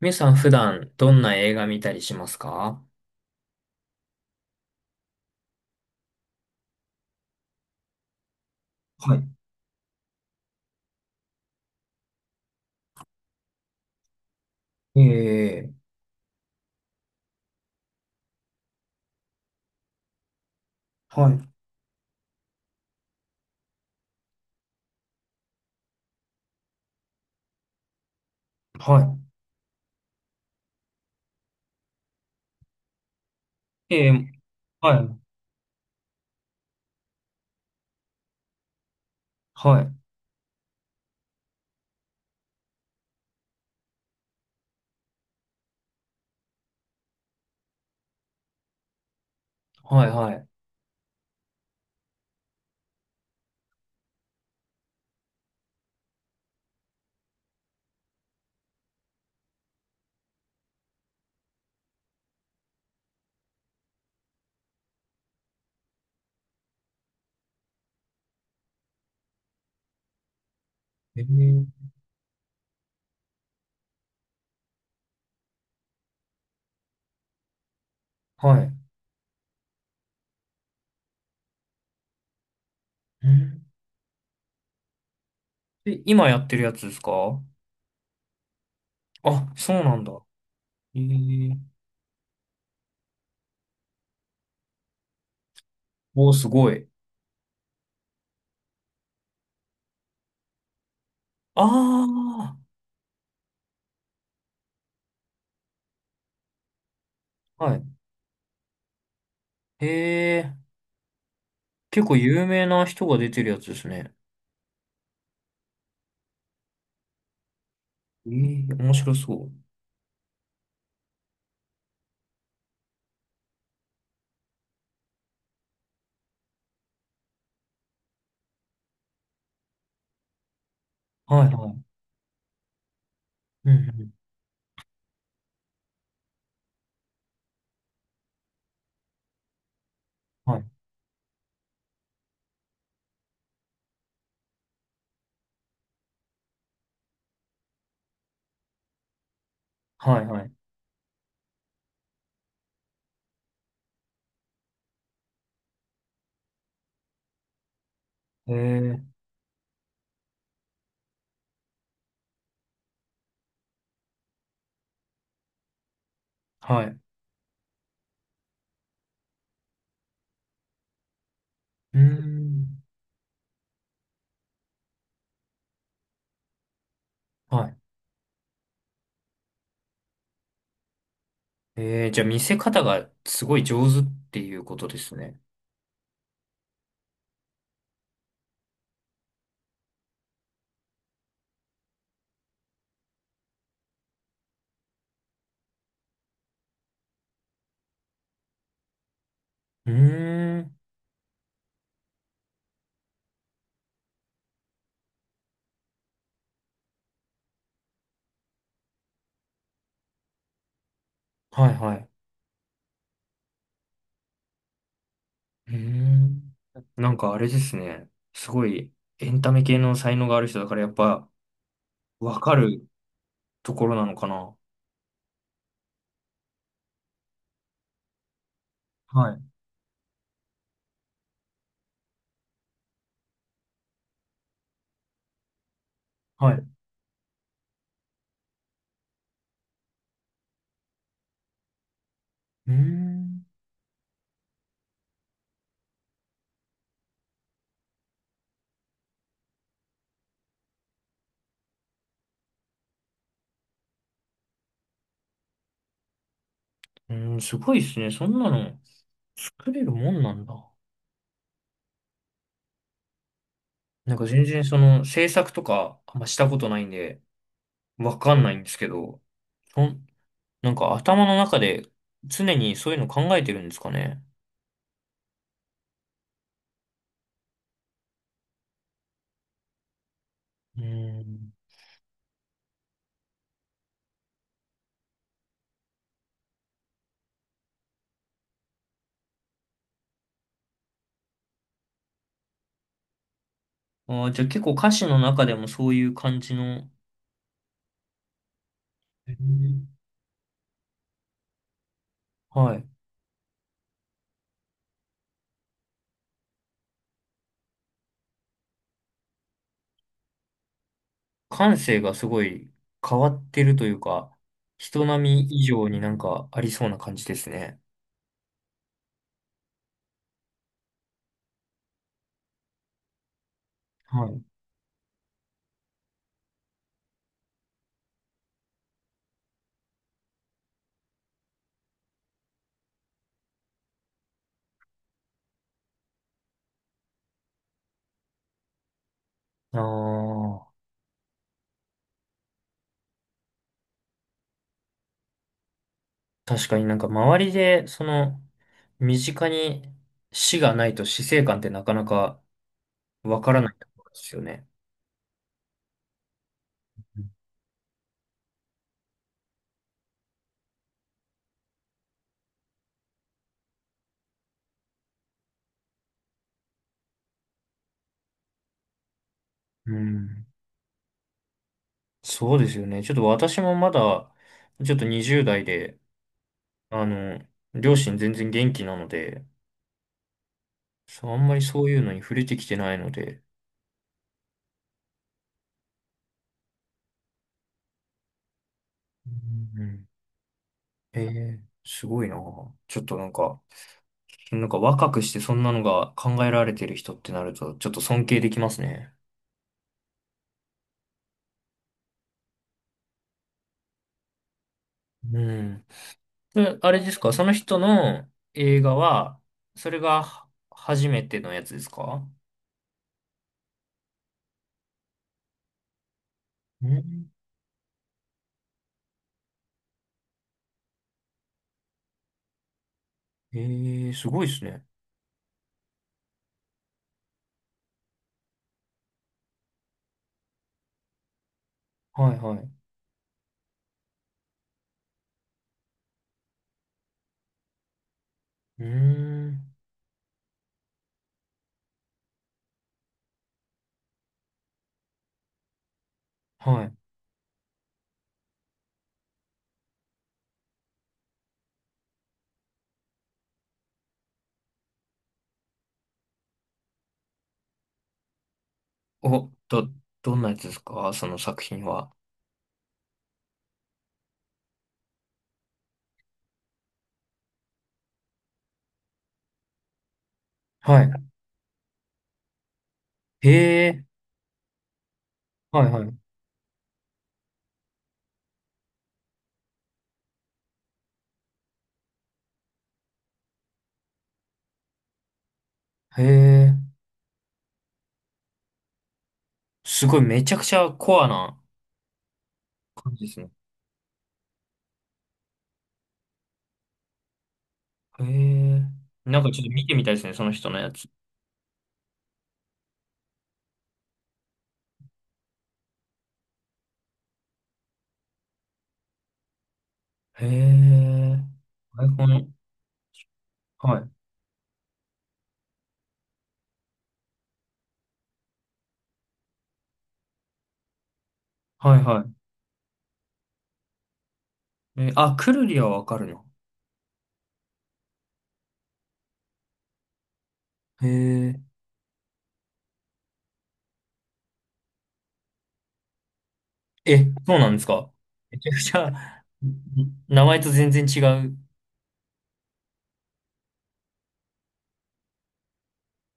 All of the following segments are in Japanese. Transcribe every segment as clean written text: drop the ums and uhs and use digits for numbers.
みゆさん普段どんな映画見たりしますか？はい。えー、はい。はい。えー、はい。はい。はいはい。えー、はい。ん。え、今やってるやつですか？あ、そうなんだ。えー、おー、すごい。ああ、はい。ー、えー、結構有名な人が出てるやつですね。ええ、面白そう。はいはい。うんうん。はい。はいはい。へえー、はい。ええ、はい、うーん。はい。えー、じゃあ見せ方がすごい上手っていうことですね。うーん。はいはい。うーん。なんかあれですね。すごいエンタメ系の才能がある人だからやっぱわかるところなのかな。はい。はい。うーん。うーん、すごいですね。そんなの作れるもんなんだ。なんか全然その制作とかあんましたことないんでわかんないんですけど、そん、なんか頭の中で常にそういうの考えてるんですかね。うーん。ああ、じゃあ結構歌詞の中でもそういう感じの。へえ、はい。感性がすごい変わってるというか、人並み以上になんかありそうな感じですね。はい。ああ、確かになんか周りで、その、身近に死がないと死生観ってなかなかわからないところですよね。うん。そうですよね。ちょっと私もまだ、ちょっと20代で、あの、両親全然元気なので、そう、あんまりそういうのに触れてきてないので。うん。ええ、すごいな。ちょっとなんか、なんか若くしてそんなのが考えられてる人ってなると、ちょっと尊敬できますね。うん。で、あれですか、その人の映画は、それがは初めてのやつですか？うん。ええ、すごいですね。はいはい。うーん。はい。お、ど、どんなやつですかその作品は？はい。へえ。はいはい。へえ。すごいめちゃくちゃコアな感じですね。へえ。なんかちょっと見てみたいですね、その人のやつ。へえ。アイコン、はい。はいはい。え、あ、くるりはわかるの。へえ。え、そうなんですか？めちゃくちゃ、ん、名前と全然違う。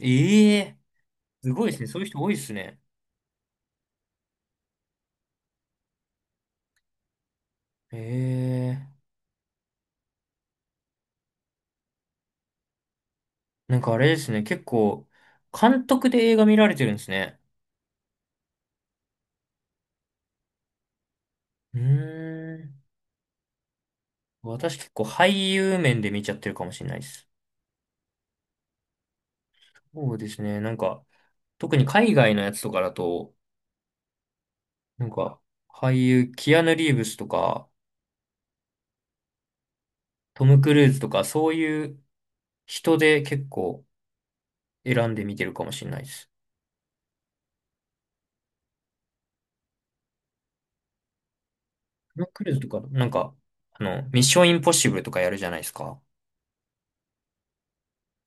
ええ。すごいですね。そういう人多いですね。へえ。なんかあれですね。結構、監督で映画見られてるんですね。うーん。私結構俳優面で見ちゃってるかもしれないです。そうですね。なんか、特に海外のやつとかだと、なんか、俳優、キアヌ・リーブスとか、トム・クルーズとか、そういう人で結構選んで見てるかもしれないです。トム・クルーズとか、なんか、あの、ミッション・インポッシブルとかやるじゃないですか。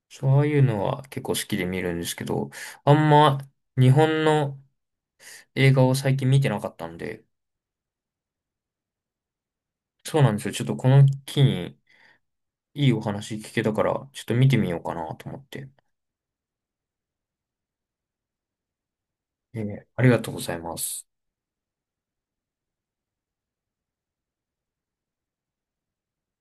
そういうのは結構好きで見るんですけど、あんま日本の映画を最近見てなかったんで、そうなんですよ。ちょっとこの機にいいお話聞けたから、ちょっと見てみようかなと思って。えー、ありがとうございます。